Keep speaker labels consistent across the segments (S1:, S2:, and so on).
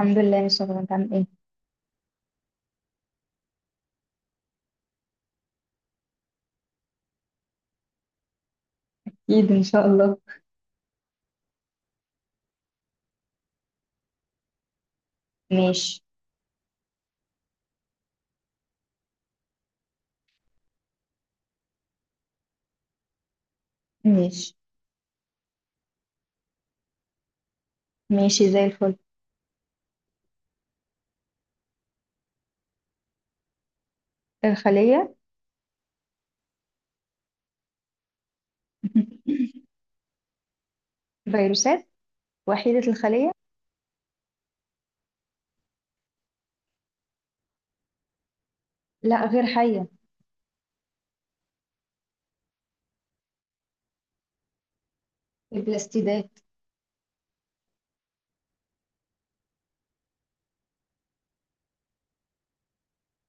S1: الحمد لله، ان شاء الله. انت عامل ايه؟ اكيد ان شاء الله. ماشي. ماشي. ماشي زي الفل. الخلية. فيروسات وحيدة الخلية. لا غير حية. البلاستيدات.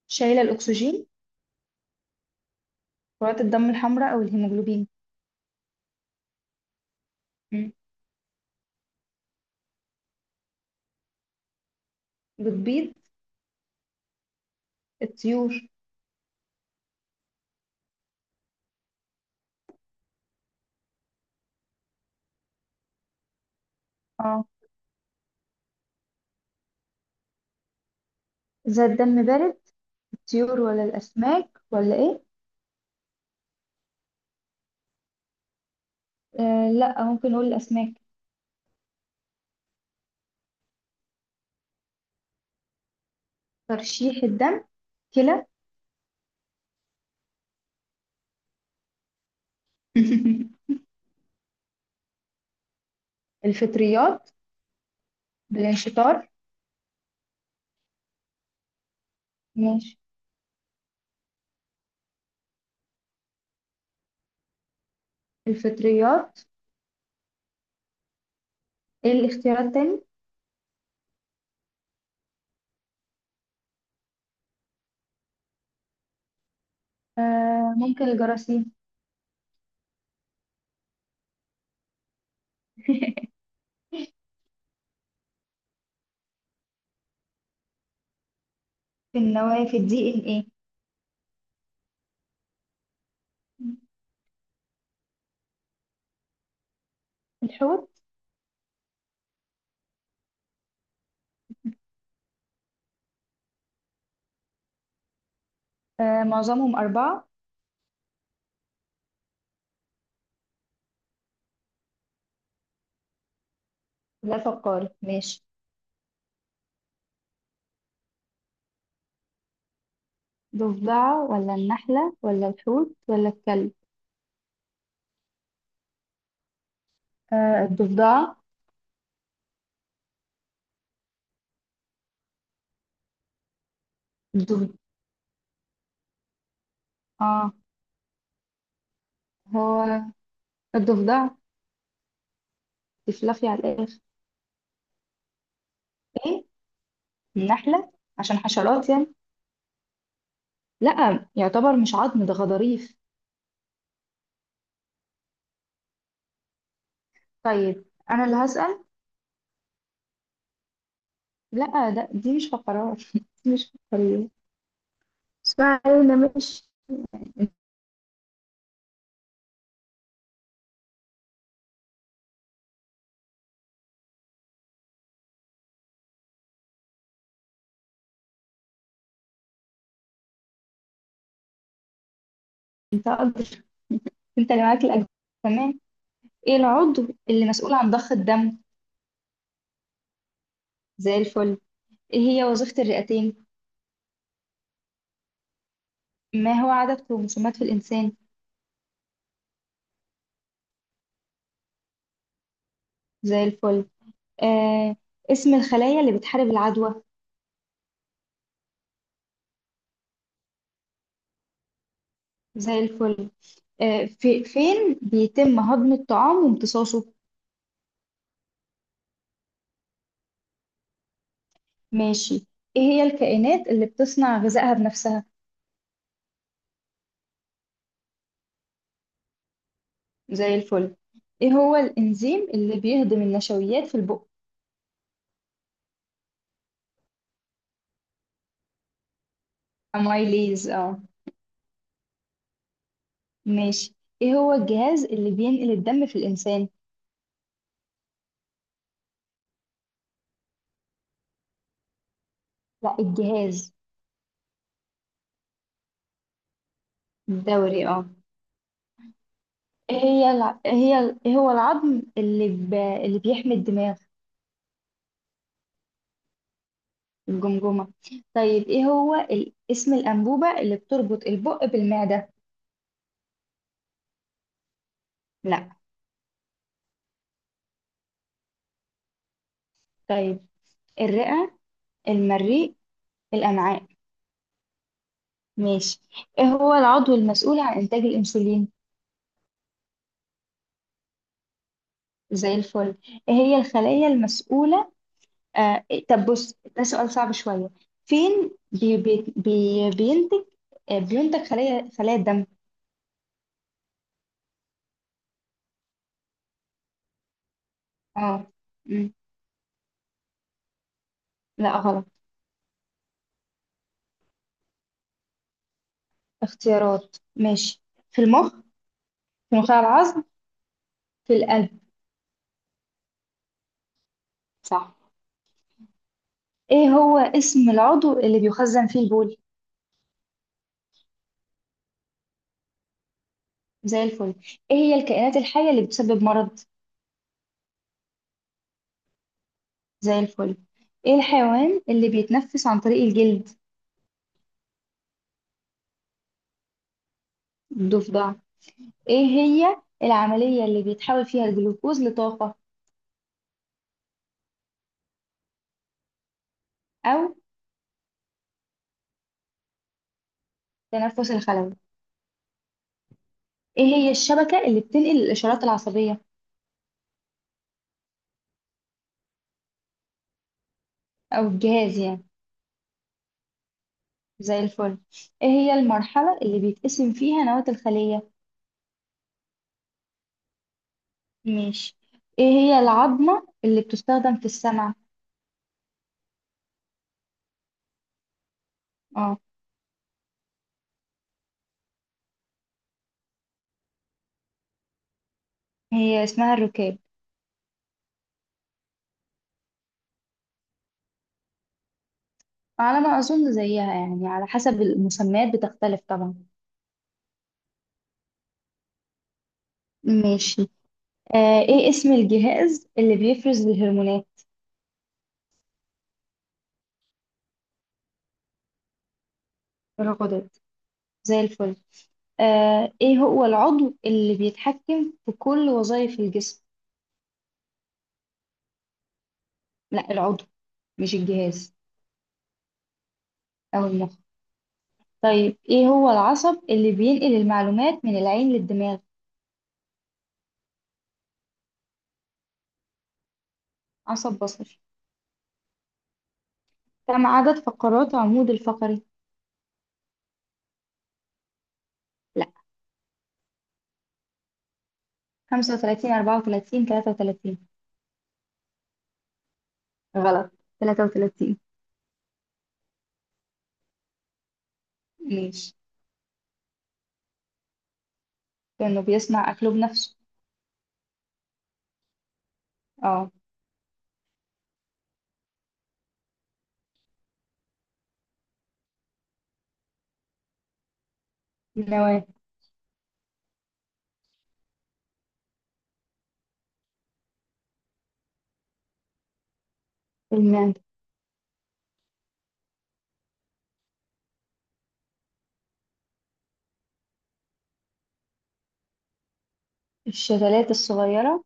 S1: شايلة الأكسجين. كرات الدم الحمراء أو الهيموجلوبين. مم. بتبيض؟ الطيور. اه، إذا الدم بارد، الطيور ولا الأسماك ولا إيه؟ لا، ممكن نقول الأسماك. ترشيح الدم؟ كلى. الفطريات بالانشطار. ماشي. الفطريات؟ إيه الاختيارات تاني؟ ممكن الجراثيم. النوافذ، دي ان ايه. الحوت. آه معظمهم أربعة. لا فقار، ماشي. ضفدعة ولا النحلة ولا الحوت ولا الكلب؟ الضفدعة. الضف... اه، هو الضفدعة. تفلفي على الآخر. ايه؟ النحلة، عشان حشرات يعني. لا يعتبر مش عظم، ده غضاريف. طيب، أنا اللي هسأل. لا ده، دي مش فقرات. دي مش فقرية. اسمعي، أنا مش انت انت اللي معاك الاجزاء. تمام. ايه العضو اللي مسؤول عن ضخ الدم؟ زي الفل. ايه هي وظيفة الرئتين؟ ما هو عدد كروموسومات في الانسان؟ زي الفل. آه اسم الخلايا اللي بتحارب العدوى؟ زي الفل. في فين بيتم هضم الطعام وامتصاصه؟ ماشي. ايه هي الكائنات اللي بتصنع غذائها بنفسها؟ زي الفل. ايه هو الانزيم اللي بيهضم النشويات في البق؟ امايليز، اه. ماشي. ايه هو الجهاز اللي بينقل الدم في الانسان؟ لا الجهاز. الدوري، اه. إيه هي الع... إيه هي ال- إيه هو العظم اللي بيحمي الدماغ؟ الجمجمة. طيب ايه هو اسم الأنبوبة اللي بتربط البق بالمعدة؟ لا. طيب، الرئة، المريء، الأمعاء. ماشي. ايه هو العضو المسؤول عن إنتاج الأنسولين؟ زي الفل. ايه هي الخلايا المسؤولة؟ طب بص، ده سؤال صعب شوية. فين بينتج؟ آه، بينتج خلايا، خلايا الدم. اه. لا غلط. اختيارات، ماشي. في المخ، في نخاع العظم، في القلب. صح. ايه هو اسم العضو اللي بيخزن فيه البول؟ زي الفل. ايه هي الكائنات الحية اللي بتسبب مرض؟ زي الفل. ايه الحيوان اللي بيتنفس عن طريق الجلد؟ الضفدع. ايه هي العملية اللي بيتحول فيها الجلوكوز لطاقة؟ او تنفس الخلوي. ايه هي الشبكة اللي بتنقل الاشارات العصبية؟ او الجهاز يعني. زي الفل. ايه هي المرحلة اللي بيتقسم فيها نواة الخلية؟ ماشي. ايه هي العظمة اللي بتستخدم في السمع؟ اه، هي اسمها الركاب. على ما اظن زيها يعني، على حسب المسميات بتختلف طبعا. ماشي. آه، ايه اسم الجهاز اللي بيفرز الهرمونات؟ الغدد. زي الفل. آه، ايه هو العضو اللي بيتحكم في كل وظائف الجسم؟ لا العضو، مش الجهاز. او المخ. طيب ايه هو العصب اللي بينقل المعلومات من العين للدماغ؟ عصب بصري. كم عدد فقرات عمود الفقري؟ لا، خمسة وتلاتين، أربعة وتلاتين، تلاتة وتلاتين. غلط. تلاتة وتلاتين. ماشي. كأنه بيصنع أكله بنفسه. اه. النواة. المعدة. الشتلات الصغيرة؟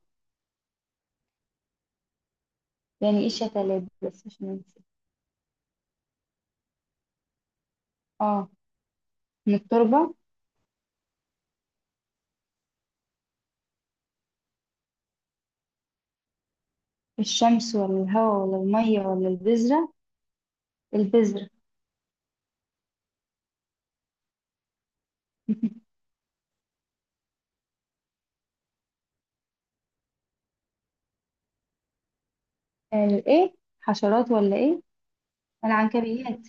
S1: يعني ايه شتلات، بس عشان ننسى. اه. من التربة. الشمس ولا الهواء ولا المية ولا البذرة؟ البذرة. ايه، حشرات ولا ايه؟ العنكبيات.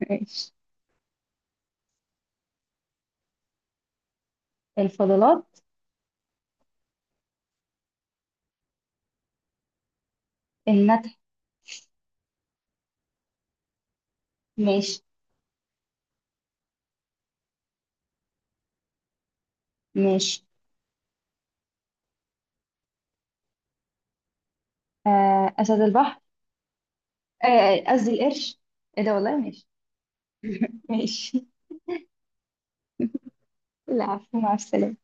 S1: ماشي. الفضلات؟ النتح. ماشي. ماشي. آه أسد البحر. آه، آه، قصدي القرش. ايه ده والله، ماشي. ماشي. العفو، مع السلامة.